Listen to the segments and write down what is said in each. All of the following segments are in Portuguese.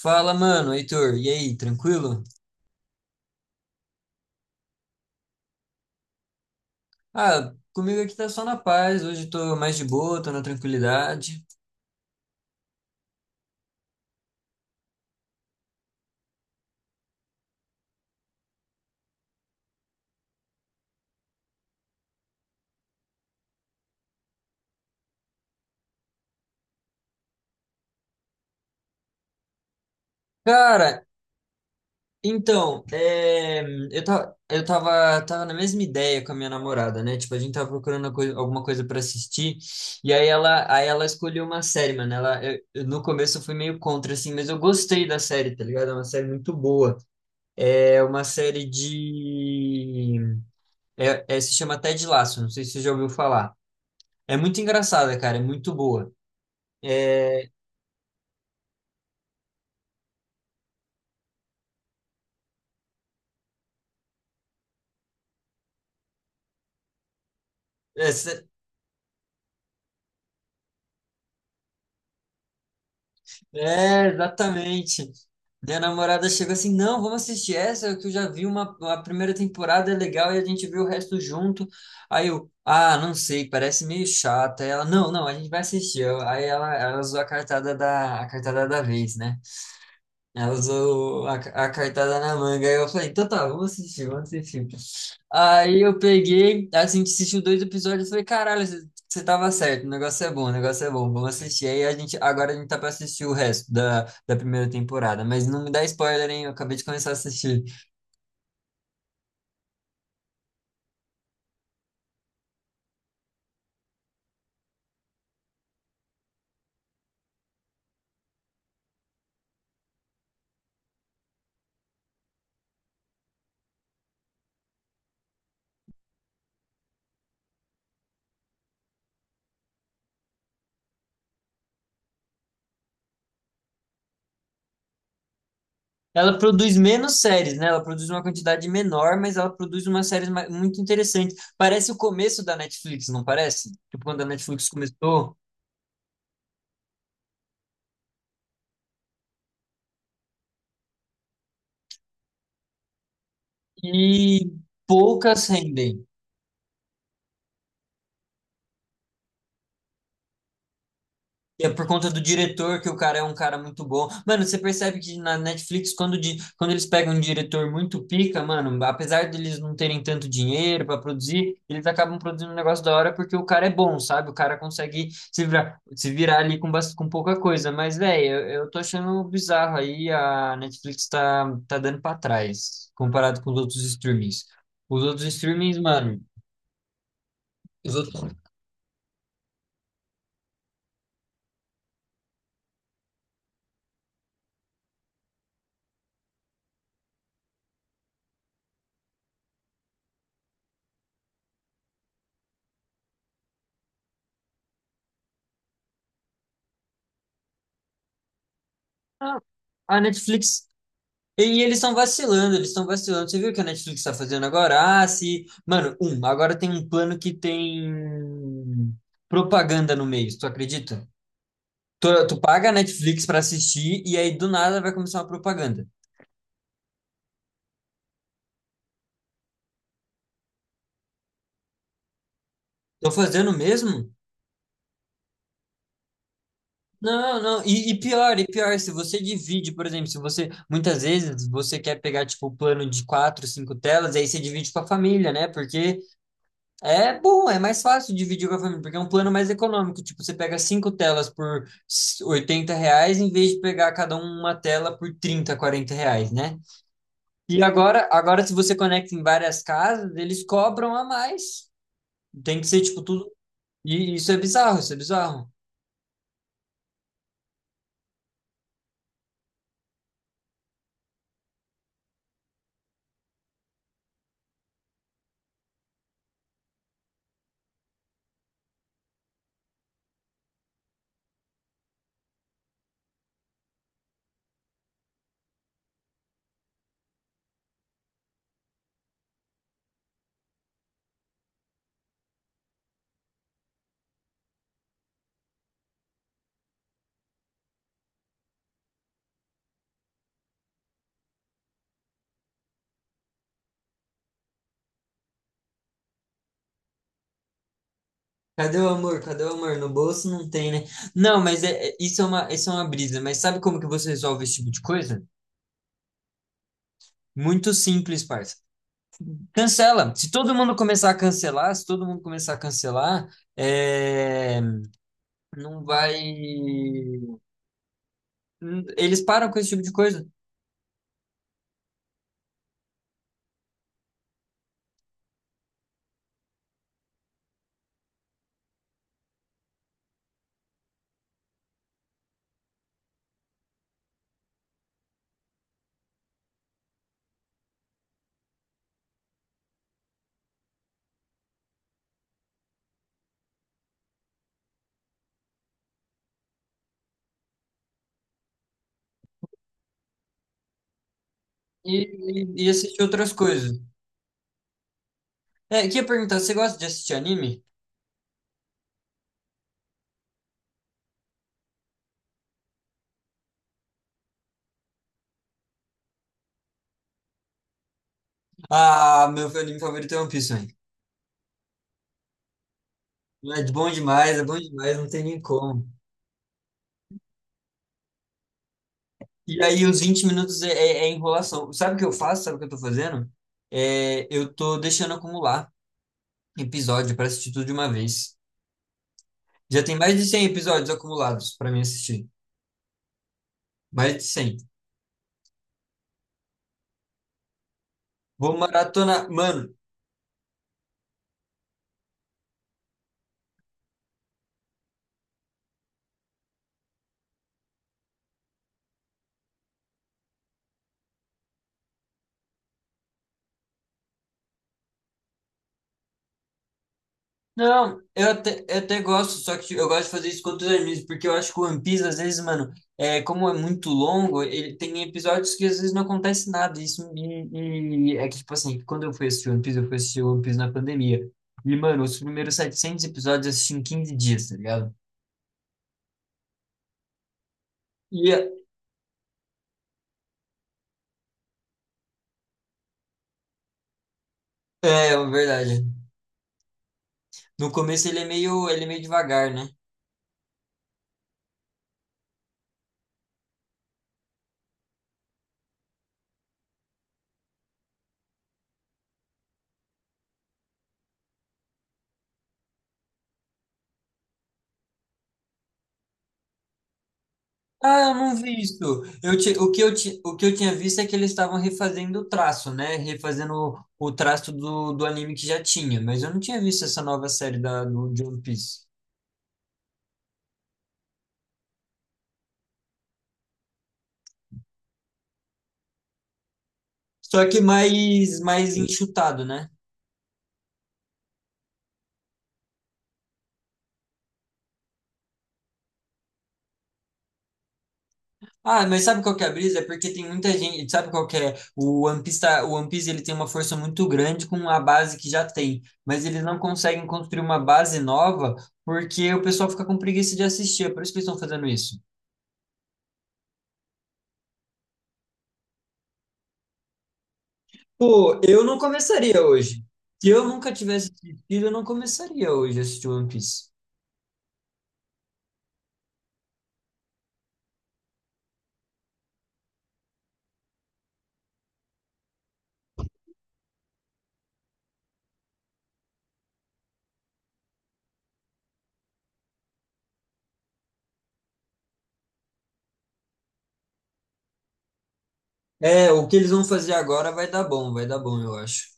Fala, mano, Heitor, e aí, tranquilo? Ah, comigo aqui tá só na paz, hoje tô mais de boa, tô na tranquilidade. Cara, então, eu tava na mesma ideia com a minha namorada, né? Tipo, a gente tava procurando uma alguma coisa pra assistir, e aí ela escolheu uma série, mano. Ela, no começo eu fui meio contra, assim, mas eu gostei da série, tá ligado? É uma série muito boa. É uma série de. Se chama Ted Lasso, não sei se você já ouviu falar. É muito engraçada, cara, é muito boa. É, essa- É, exatamente. Minha namorada chegou assim, não, vamos assistir essa, que eu já vi uma, a primeira temporada, é legal, e a gente viu o resto junto. Aí eu, ah, não sei, parece meio chata. Aí ela, não, não, a gente vai assistir. Aí ela usou a a cartada da vez, né? Ela usou a cartada na manga. Aí eu falei, então tá, vamos assistir, vamos assistir. Aí eu peguei, assim, a gente assistiu dois episódios e falei, caralho, você tava certo, o negócio é bom, o negócio é bom, vamos assistir. Aí a gente, agora a gente tá pra assistir o resto da primeira temporada, mas não me dá spoiler, hein? Eu acabei de começar a assistir. Ela produz menos séries, né? Ela produz uma quantidade menor, mas ela produz umas séries muito interessantes. Parece o começo da Netflix, não parece? Tipo, quando a Netflix começou e poucas rendem. E é por conta do diretor que o cara é um cara muito bom. Mano, você percebe que na Netflix, quando eles pegam um diretor muito pica, mano, apesar deles não terem tanto dinheiro pra produzir, eles acabam produzindo um negócio da hora porque o cara é bom, sabe? O cara consegue se virar, se virar ali com pouca coisa. Mas, velho, eu tô achando bizarro aí. A Netflix tá dando pra trás comparado com os outros streamings. Os outros streamings, mano. Os outros. Ah, a Netflix E eles estão vacilando, eles estão vacilando. Você viu o que a Netflix está fazendo agora? Ah, se. Mano, agora tem um plano que tem propaganda no meio, tu acredita? Tu paga a Netflix para assistir e aí do nada vai começar uma propaganda. Tô fazendo mesmo? Não, não. E pior, se você divide, por exemplo, se você. Muitas vezes você quer pegar, tipo, o plano de quatro, cinco telas, e aí você divide com a família, né? Porque é bom, é mais fácil dividir com a família, porque é um plano mais econômico. Tipo, você pega cinco telas por R$ 80, em vez de pegar cada um uma tela por 30, 40 reais, né? E agora, agora se você conecta em várias casas, eles cobram a mais. Tem que ser, tipo, tudo... E isso é bizarro, isso é bizarro. Cadê o amor? Cadê o amor? No bolso não tem, né? Não, mas isso é uma brisa. Mas sabe como que você resolve esse tipo de coisa? Muito simples, parça. Cancela. Se todo mundo começar a cancelar, se todo mundo começar a cancelar, é, não vai. Eles param com esse tipo de coisa e assistem outras coisas. É, queria perguntar, você gosta de assistir anime? Ah, meu anime favorito é One Piece, hein? É bom demais, não tem nem como. E aí, os 20 minutos é enrolação. Sabe o que eu faço? Sabe o que eu tô fazendo? É, eu tô deixando acumular episódio pra assistir tudo de uma vez. Já tem mais de 100 episódios acumulados pra mim assistir. Mais de 100. Vou maratonar. Mano, não, eu até gosto, só que eu gosto de fazer isso com outros animes, porque eu acho que o One Piece, às vezes, mano, é, como é muito longo, ele tem episódios que às vezes não acontece nada. Isso e é que, tipo assim, quando eu fui assistir One Piece, eu fui assistir One Piece na pandemia. E, mano, os primeiros 700 episódios eu assisti em 15 dias, tá ligado? E é, é verdade. No começo ele é meio devagar, né? Ah, eu não vi isso. O que eu tinha visto é que eles estavam refazendo o traço, né? Refazendo o traço do anime que já tinha, mas eu não tinha visto essa nova série de One Piece. Só que mais, mais enxutado, né? Ah, mas sabe qual que é a brisa? É porque tem muita gente, sabe qual que é? O One Piece, o One Piece ele tem uma força muito grande com a base que já tem, mas eles não conseguem construir uma base nova porque o pessoal fica com preguiça de assistir, é por isso que eles estão fazendo isso. Pô, eu não começaria hoje. Se eu nunca tivesse assistido, eu não começaria hoje a assistir One Piece. É, o que eles vão fazer agora vai dar bom, eu acho.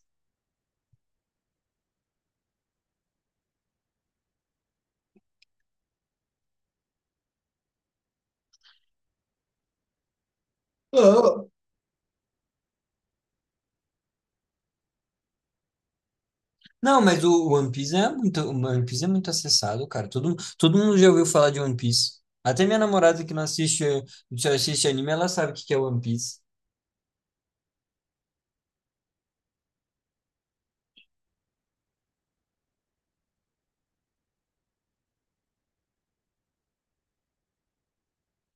Ah, não, mas o One Piece é muito, o One Piece é muito acessado, cara. Todo, todo mundo já ouviu falar de One Piece. Até minha namorada que não assiste, só assiste anime, ela sabe o que que é One Piece.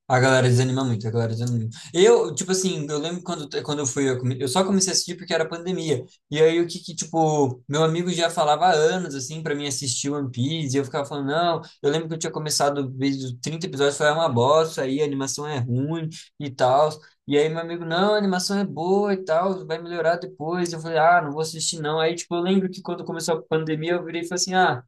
A galera desanima muito, a galera desanima muito. Tipo assim, eu lembro quando eu fui, eu só comecei a assistir porque era pandemia. E aí o que que, tipo, meu amigo já falava há anos, assim, pra mim assistir One Piece, e eu ficava falando, não, eu lembro que eu tinha começado vezes 30 episódios, foi uma bosta, aí a animação é ruim e tal. E aí meu amigo, não, a animação é boa e tal, vai melhorar depois. Eu falei, ah, não vou assistir não. Aí, tipo, eu lembro que quando começou a pandemia, eu virei e falei assim, ah,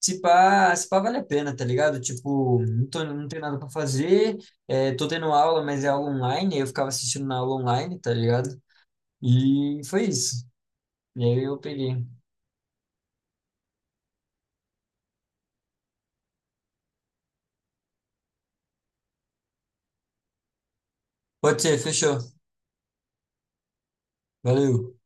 se pá, se pá vale a pena, tá ligado? Tipo, não tenho nada pra fazer, é, tô tendo aula, mas é aula online, aí eu ficava assistindo na aula online, tá ligado? E foi isso. E aí eu peguei. Pode ser, fechou. Valeu.